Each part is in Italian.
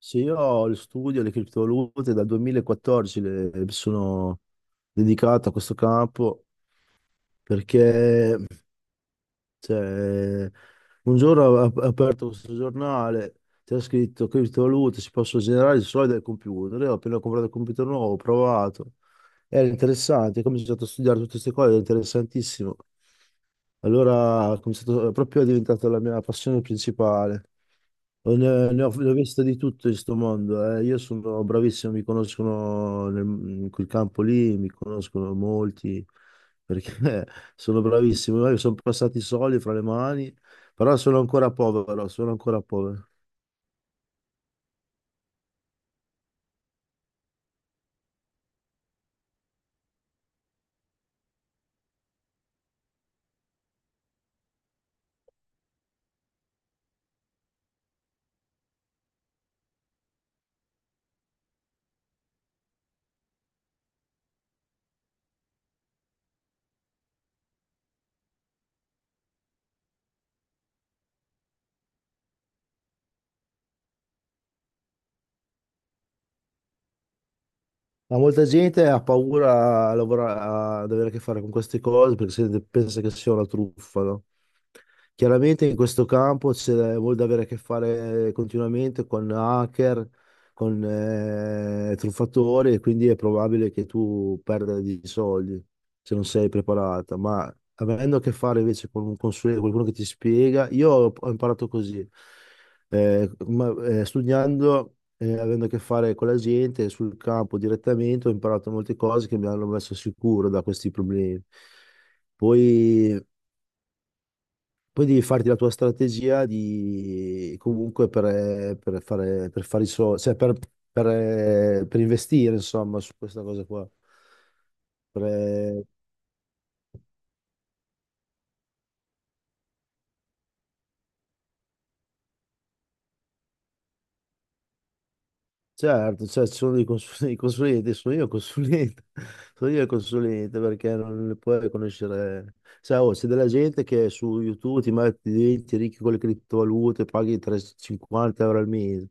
Sì, io ho il studio, le criptovalute dal 2014 mi sono dedicato a questo campo perché cioè, un giorno ho aperto questo giornale, c'era scritto criptovalute si possono generare solo dal computer. Io ho appena comprato il computer nuovo, ho provato, era interessante, ho cominciato a studiare tutte queste cose, era interessantissimo. Allora ho cominciato, proprio è diventata la mia passione principale. Oh, ne ho viste di tutto in questo mondo. Io sono bravissimo, mi conoscono in quel campo lì, mi conoscono molti perché sono bravissimo. Io sono passati i soldi fra le mani, però sono ancora povero, sono ancora povero. Ma molta gente ha paura a, ad avere a che fare con queste cose perché pensa che sia una truffa, no? Chiaramente in questo campo c'è molto da avere a che fare continuamente con hacker, con truffatori e quindi è probabile che tu perda dei soldi se non sei preparata, ma avendo a che fare invece con un consulente, qualcuno che ti spiega, io ho imparato così, studiando avendo a che fare con la gente sul campo direttamente, ho imparato molte cose che mi hanno messo sicuro da questi problemi. Poi, poi devi farti la tua strategia di, comunque per fare i soldi, cioè per investire, insomma, su questa cosa qua. Per, Certo, cioè, ci sono i consulenti, sono io il consulente, sono io il consulente perché non le puoi conoscere. Cioè, oh, c'è della gente che su YouTube ti mette diventi ricchi con le criptovalute, paghi 350 euro al mese,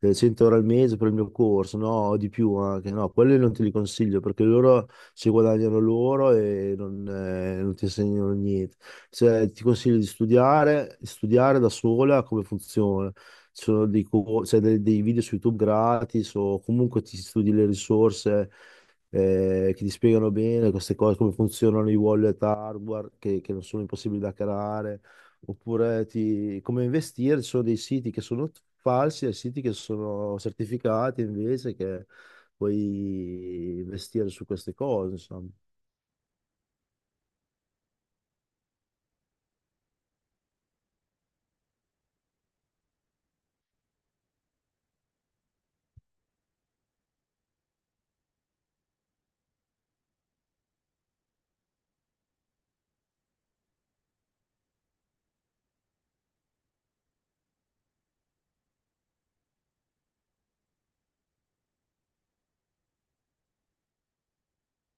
100 euro al mese per il mio corso, no, o di più anche, no, quelli non te li consiglio perché loro si guadagnano loro e non ti insegnano niente. Cioè, ti consiglio di studiare da sola come funziona. Ci sono cioè, dei video su YouTube gratis o comunque ti studi le risorse che ti spiegano bene queste cose, come funzionano i wallet hardware che non sono impossibili da hackerare, oppure come investire. Ci sono dei siti che sono falsi e siti che sono certificati invece che puoi investire su queste cose, insomma.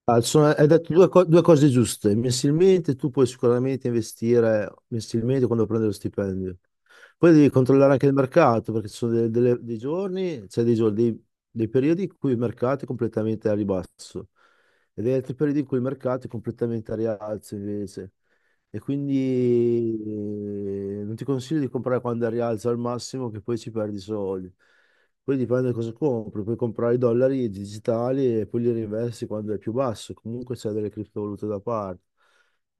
Ah, hai detto due cose giuste. Mensilmente tu puoi sicuramente investire mensilmente quando prendi lo stipendio. Poi devi controllare anche il mercato, perché ci sono dei giorni, cioè dei giorni, dei periodi in cui il mercato è completamente a ribasso e degli altri periodi in cui il mercato è completamente a rialzo invece. E quindi non ti consiglio di comprare quando è a rialzo al massimo, che poi ci perdi soldi. Poi dipende da cosa compri, puoi comprare i dollari digitali e poi li reinvesti quando è più basso. Comunque c'è delle criptovalute da parte.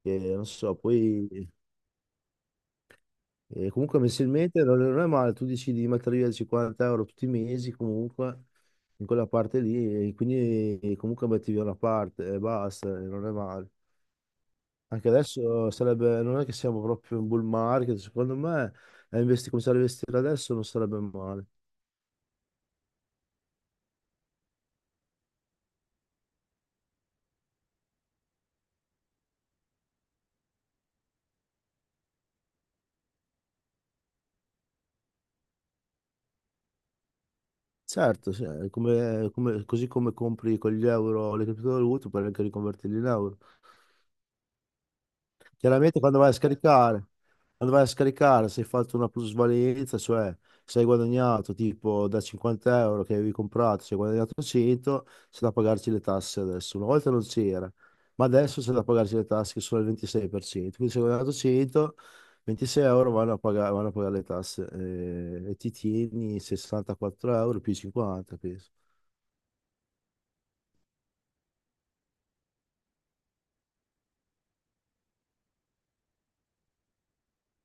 E non so, poi. E comunque mensilmente non è male, tu decidi di mettere via 50 euro tutti i mesi comunque in quella parte lì e quindi comunque metti via una parte e basta, e non è male. Anche adesso sarebbe, non è che siamo proprio in bull market, secondo me cominciare a investire adesso non sarebbe male. Certo, sì, è così come compri con gli euro le criptovalute, puoi anche riconvertirli in euro. Chiaramente quando vai a scaricare, se hai fatto una plusvalenza, cioè se hai guadagnato tipo da 50 euro che avevi comprato, se hai guadagnato 100, c'è da pagarci le tasse adesso. Una volta non c'era, ma adesso c'è da pagarci le tasse che sono il 26%. Quindi se hai guadagnato 100, 26 euro vanno a pagare le tasse e ti tieni 64 euro più 50, penso.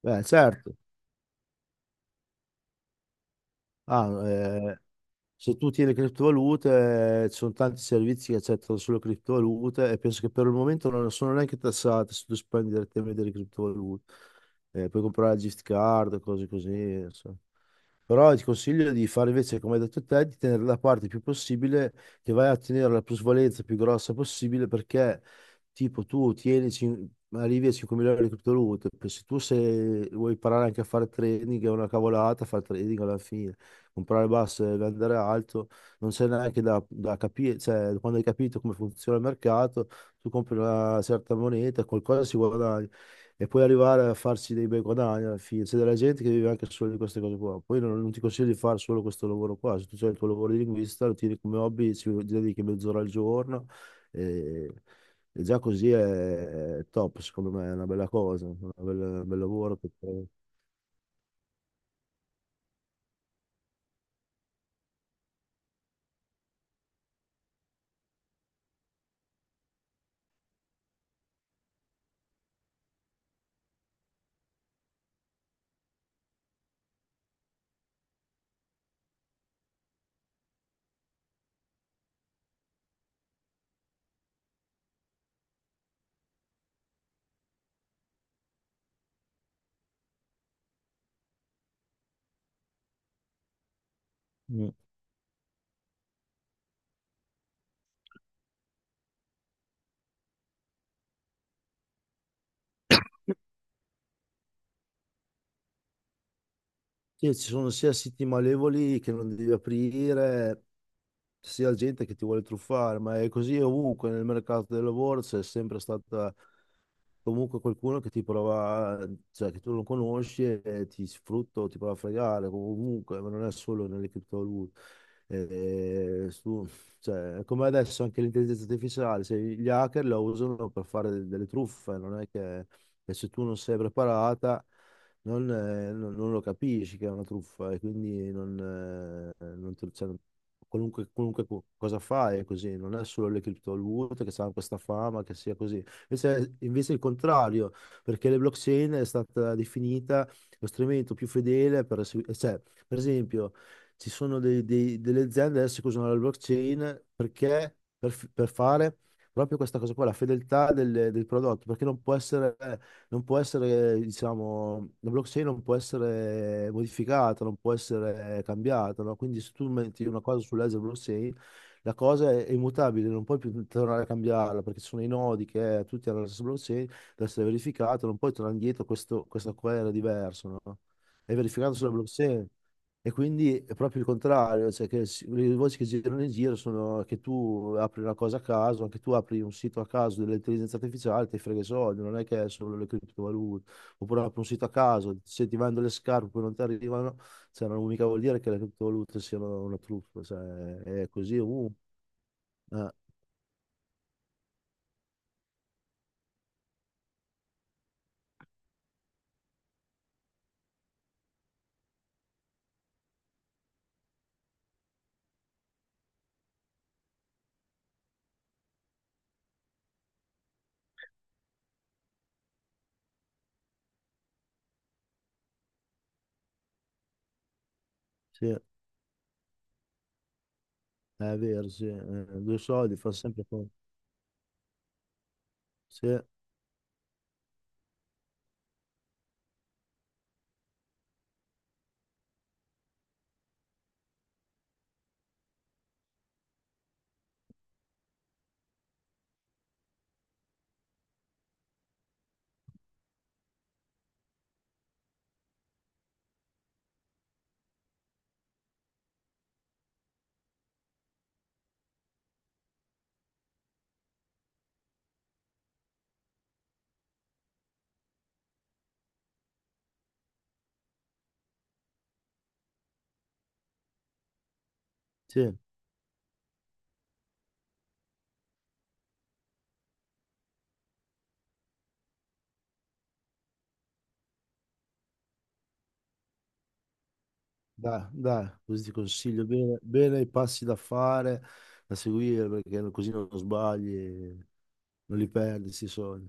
Beh, certo. Ah, se tu tieni criptovalute, ci sono tanti servizi che accettano solo criptovalute e penso che per il momento non sono neanche tassate se tu spendi direttamente le criptovalute. Puoi comprare la gift card, cose così. Però ti consiglio di fare invece, come hai detto te, di tenere la parte più possibile, che vai a ottenere la plusvalenza più grossa possibile, perché tipo arrivi a 5.000 euro di criptovalute, poi se vuoi imparare anche a fare trading, è una cavolata fare trading alla fine, comprare basso e vendere alto, non c'è neanche da capire, cioè quando hai capito come funziona il mercato, tu compri una certa moneta, qualcosa si guadagna e poi arrivare a farsi dei bei guadagni alla fine. C'è della gente che vive anche solo di queste cose qua. Poi non ti consiglio di fare solo questo lavoro qua. Se tu hai il tuo lavoro di linguista, lo tieni come hobby, ci dedichi mezz'ora al giorno e, e già così è top, secondo me, è una bella cosa, un bel lavoro che fai. Mm. Sì, ci sono sia siti malevoli che non devi aprire, sia gente che ti vuole truffare, ma è così ovunque nel mercato del lavoro, c'è sempre stata comunque qualcuno che ti prova, cioè che tu non conosci e ti sfrutta, o ti prova a fregare, comunque, ma non è solo nelle criptovalute. Eh, su- cioè, come adesso anche l'intelligenza artificiale, se gli hacker la usano per fare delle truffe, non è che e se tu non sei preparata non lo capisci che è una truffa e quindi non, non te- cioè, qualunque cosa fai è così, non è solo le criptovalute che hanno questa fama che sia così. Invece è il contrario, perché le blockchain è stata definita lo strumento più fedele cioè, per esempio, ci sono delle aziende adesso che usano la blockchain perché per fare proprio questa cosa qua, la fedeltà del prodotto, perché non può essere, diciamo, la blockchain non può essere modificata, non può essere cambiata, no? Quindi se tu metti una cosa sul ledger blockchain, la cosa è immutabile, non puoi più tornare a cambiarla perché ci sono i nodi che tutti hanno la stessa blockchain, deve essere verificato, non puoi tornare indietro, questa qua era diverso, no? È verificato sulla blockchain. E quindi è proprio il contrario, cioè le voci che girano in giro sono che tu apri una cosa a caso, anche tu apri un sito a caso dell'intelligenza artificiale, ti frega i soldi, non è che è solo le criptovalute, oppure apri un sito a caso, se ti vendono le scarpe poi non ti arrivano, cioè non mica vuol dire che le criptovalute siano una truffa, cioè è così. Uh, eh, sì, è vero, sì, due soldi fa sempre conto, sì, sì. Dai, dai, così ti consiglio bene, bene i passi da fare, da seguire, perché così non sbagli, non li perdi, si soldi.